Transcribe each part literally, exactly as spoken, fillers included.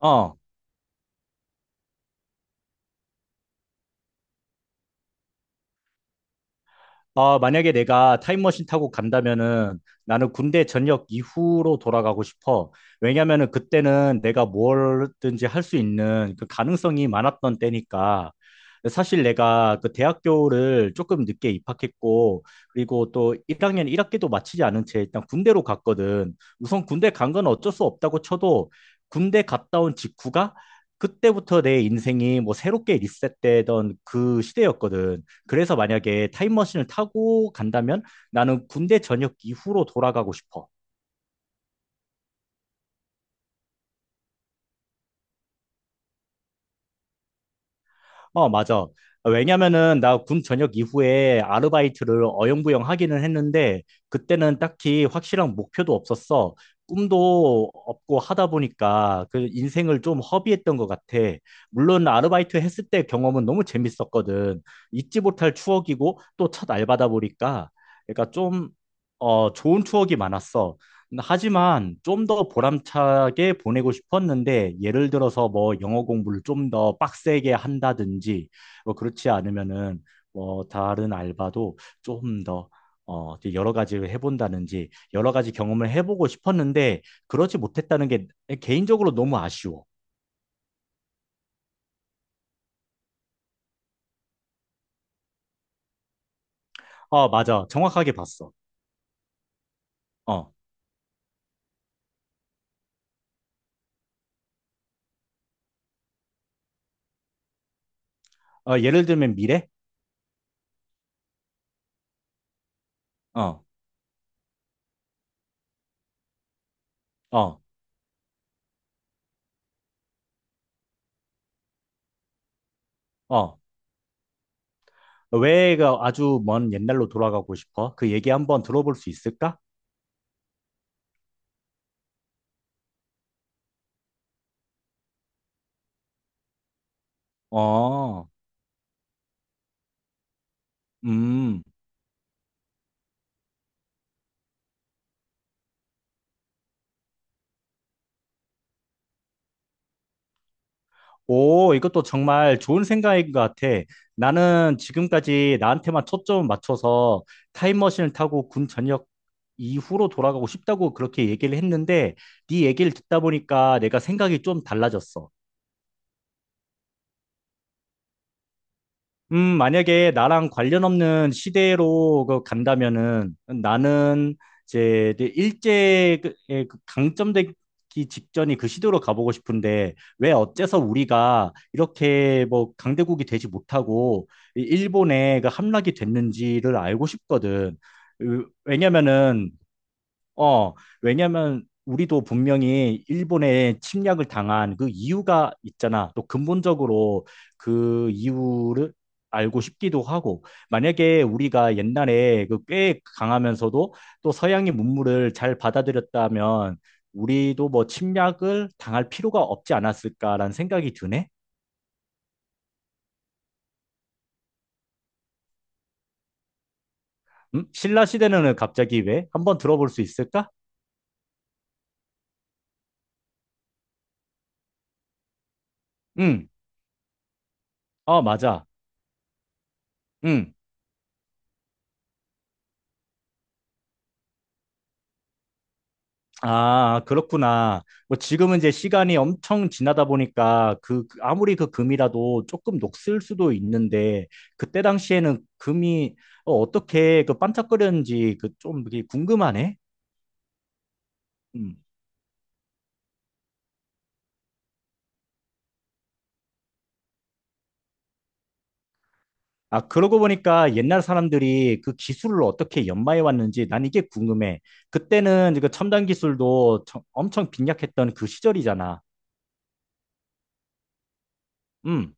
어, 어, 만약에 내가 타임머신 타고 간다면은 나는 군대 전역 이후로 돌아가고 싶어. 왜냐면은 그때는 내가 뭐든지 할 수 있는 그 가능성이 많았던 때니까. 사실 내가 그 대학교를 조금 늦게 입학했고, 그리고 또 일 학년 일 학기도 마치지 않은 채 일단 군대로 갔거든. 우선 군대 간 건 어쩔 수 없다고 쳐도 군대 갔다 온 직후가 그때부터 내 인생이 뭐 새롭게 리셋되던 그 시대였거든. 그래서 만약에 타임머신을 타고 간다면 나는 군대 전역 이후로 돌아가고 싶어. 어, 맞아. 왜냐면은 나 군 전역 이후에 아르바이트를 어영부영 하기는 했는데 그때는 딱히 확실한 목표도 없었어. 꿈도 없고 하다 보니까 그 인생을 좀 허비했던 것 같아. 물론 아르바이트 했을 때 경험은 너무 재밌었거든. 잊지 못할 추억이고 또 첫 알바다 보니까 그러니까 좀 어, 좋은 추억이 많았어. 하지만 좀 더 보람차게 보내고 싶었는데 예를 들어서 뭐 영어 공부를 좀 더 빡세게 한다든지 뭐 그렇지 않으면은 뭐 다른 알바도 좀 더 어, 되게 여러 가지를 해본다든지 여러 가지 경험을 해보고 싶었는데 그러지 못했다는 게 개인적으로 너무 아쉬워. 어, 맞아. 정확하게 봤어. 어, 어 예를 들면 미래? 어, 어, 어. 왜가 아주 먼 옛날로 돌아가고 싶어? 그 얘기 한번 들어볼 수 있을까? 어. 음, 오, 이것도 정말 좋은 생각인 것 같아. 나는 지금까지 나한테만 초점을 맞춰서 타임머신을 타고 군 전역 이후로 돌아가고 싶다고 그렇게 얘기를 했는데, 네 얘기를 듣다 보니까 내가 생각이 좀 달라졌어. 음, 만약에 나랑 관련 없는 시대로 그 간다면은 나는 이제 일제의 그- 예, 그 강점되기 직전이 그 시대로 가보고 싶은데 왜 어째서 우리가 이렇게 뭐 강대국이 되지 못하고 일본에 그 함락이 됐는지를 알고 싶거든. 으, 왜냐면은 어, 왜냐면 우리도 분명히 일본에 침략을 당한 그 이유가 있잖아. 또 근본적으로 그 이유를 알고 싶기도 하고, 만약에 우리가 옛날에 그 꽤 강하면서도 또 서양의 문물을 잘 받아들였다면 우리도 뭐 침략을 당할 필요가 없지 않았을까라는 생각이 드네. 음? 신라 시대는 갑자기 왜? 한번 들어볼 수 있을까? 응, 어, 맞아. 응. 아, 그렇구나. 뭐 지금은 이제 시간이 엄청 지나다 보니까 그 그- 아무리 그 금이라도 조금 녹슬 수도 있는데 그때 당시에는 금이 어, 어떻게 그 반짝거렸는지 그 좀 궁금하네. 음. 아, 그러고 보니까 옛날 사람들이 그 기술을 어떻게 연마해 왔는지 난 이게 궁금해. 그때는 그 첨단 기술도 처- 엄청 빈약했던 그 시절이잖아. 음.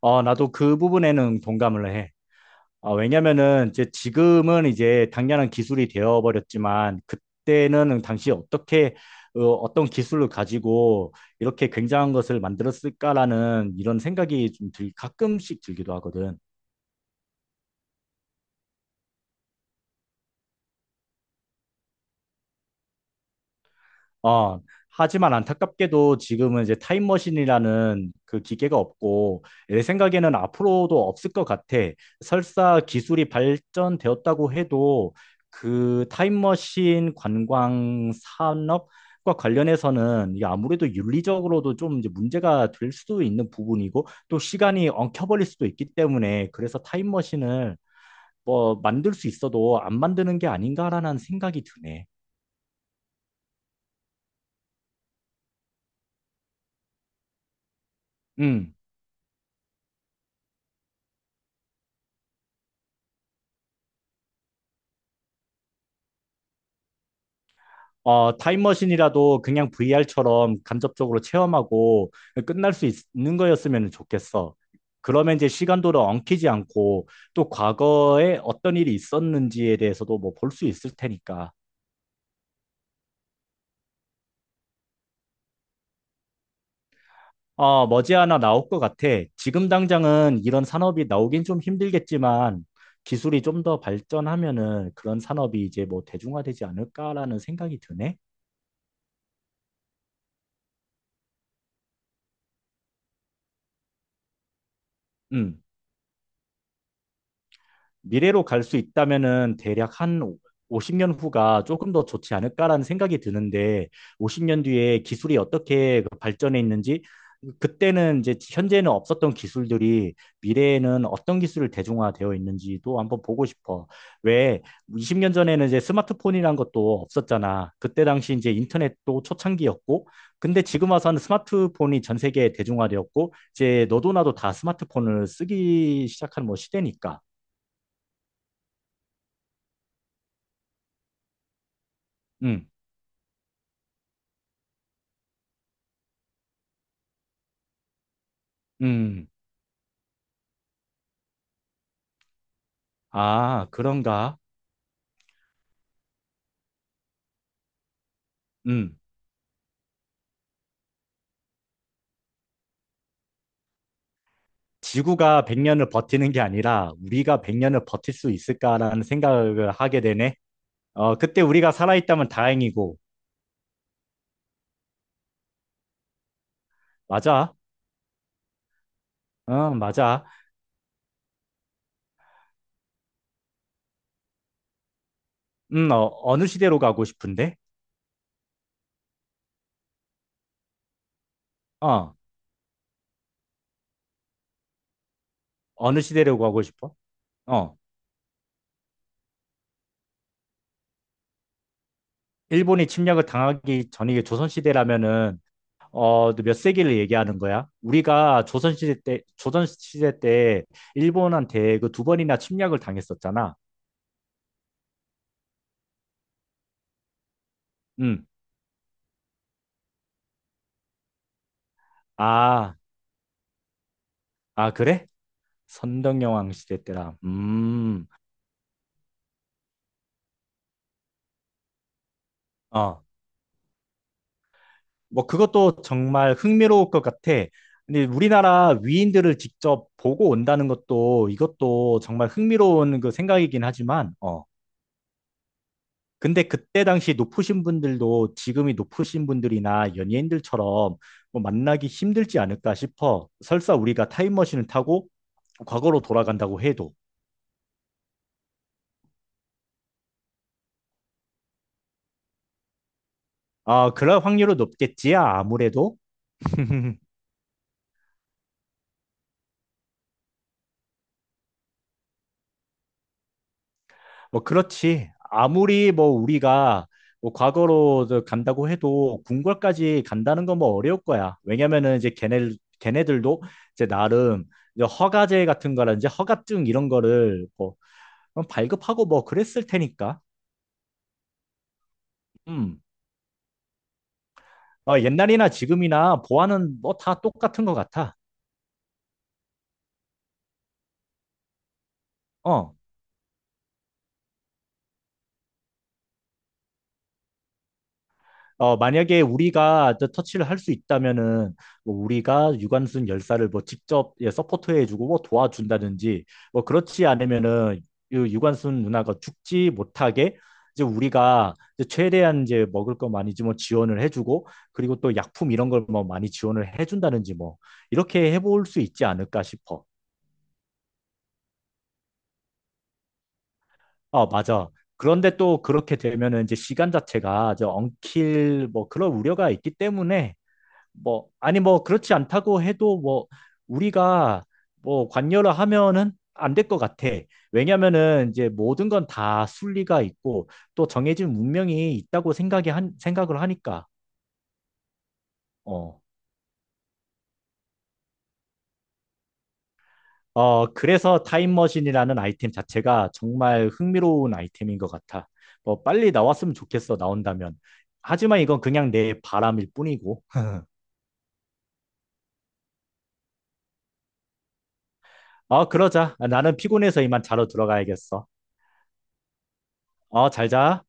어, 나도 그 부분에는 동감을 해. 아, 왜냐면은 이제 지금은 이제 당연한 기술이 되어버렸지만 그때는 당시 어떻게 어, 어떤 기술을 가지고 이렇게 굉장한 것을 만들었을까라는 이런 생각이 좀 들, 가끔씩 들기도 하거든. 어, 하지만 안타깝게도 지금은 이제 타임머신이라는 그 기계가 없고, 내 생각에는 앞으로도 없을 것 같아. 설사 기술이 발전되었다고 해도 그 타임머신 관광 산업과 관련해서는 이게 아무래도 윤리적으로도 좀 이제 문제가 될 수도 있는 부분이고, 또 시간이 엉켜버릴 수도 있기 때문에, 그래서 타임머신을 뭐 만들 수 있어도 안 만드는 게 아닌가라는 생각이 드네. 음. 어, 타임머신이라도 그냥 브이알처럼 간접적으로 체험하고 끝날 수 있, 는 거였으면 좋겠어. 그러면 이제 시간도를 엉키지 않고 또 과거에 어떤 일이 있었는지에 대해서도 뭐 볼 수 있을 테니까. 어, 머지않아 나올 것 같아. 지금 당장은 이런 산업이 나오긴 좀 힘들겠지만 기술이 좀 더 발전하면은 그런 산업이 이제 뭐 대중화되지 않을까라는 생각이 드네. 음. 미래로 갈 수 있다면은 대략 한 오십 년 후가 조금 더 좋지 않을까라는 생각이 드는데 오십 년 뒤에 기술이 어떻게 그 발전해 있는지 그때는 이제 현재는 없었던 기술들이 미래에는 어떤 기술을 대중화되어 있는지도 한번 보고 싶어. 왜 이십 년 전에는 이제 스마트폰이란 것도 없었잖아. 그때 당시 이제 인터넷도 초창기였고 근데 지금 와서는 스마트폰이 전 세계에 대중화되었고 이제 너도 나도 다 스마트폰을 쓰기 시작한 뭐 시대니까. 음. 음, 아, 그런가? 음, 지구가 백 년을 버티는 게 아니라 우리가 백 년을 버틸 수 있을까라는 생각을 하게 되네. 어, 그때 우리가 살아있다면 다행이고. 맞아. 어, 맞아. 음, 어, 어느 시대로 가고 싶은데? 어, 어느 시대로 가고 싶어? 어, 일본이 침략을 당하기 전이 조선시대라면은, 어, 너몇 세기를 얘기하는 거야? 우리가 조선시대 때, 조선시대 때 일본한테 그 두 번이나 침략을 당했었잖아. 음. 아, 아, 그래? 선덕여왕 시대 때라. 음, 어. 뭐, 그것도 정말 흥미로울 것 같아. 근데 우리나라 위인들을 직접 보고 온다는 것도 이것도 정말 흥미로운 그 생각이긴 하지만, 어. 근데 그때 당시 높으신 분들도 지금이 높으신 분들이나 연예인들처럼 뭐 만나기 힘들지 않을까 싶어. 설사 우리가 타임머신을 타고 과거로 돌아간다고 해도. 아, 그럴 확률은 높겠지, 아무래도. 뭐 그렇지. 아무리 뭐 우리가 뭐 과거로 저 간다고 해도 궁궐까지 간다는 건 뭐 어려울 거야. 왜냐면은 이제 걔네 걔네들도 이제 나름 이제 허가제 같은 거라든지 허가증 이런 거를 뭐 발급하고 뭐 그랬을 테니까. 음. 어, 옛날이나 지금이나 보안은 뭐 다 똑같은 것 같아. 어. 어, 만약에 우리가 저 터치를 할 수 있다면은 뭐 우리가 유관순 열사를 뭐 직접 예, 서포트해주고 뭐 도와준다든지 뭐 그렇지 않으면은 이 유관순 누나가 죽지 못하게 이제 우리가 이제 최대한 이제 먹을 거 많이 뭐 지원을 해주고 그리고 또 약품 이런 걸 뭐 많이 지원을 해준다든지 뭐 이렇게 해볼 수 있지 않을까 싶어. 어 맞아. 그런데 또 그렇게 되면은 이제 시간 자체가 저 엉킬 뭐 그런 우려가 있기 때문에 뭐 아니 뭐 그렇지 않다고 해도 뭐 우리가 뭐 관여를 하면은 안 될 것 같아. 왜냐면은 이제 모든 건 다 순리가 있고 또 정해진 운명이 있다고 생각이 한 생각을 하니까. 어. 어, 그래서 타임머신이라는 아이템 자체가 정말 흥미로운 아이템인 것 같아. 뭐 빨리 나왔으면 좋겠어, 나온다면. 하지만 이건 그냥 내 바람일 뿐이고. 어, 그러자. 나는 피곤해서 이만 자러 들어가야겠어. 어, 잘 자.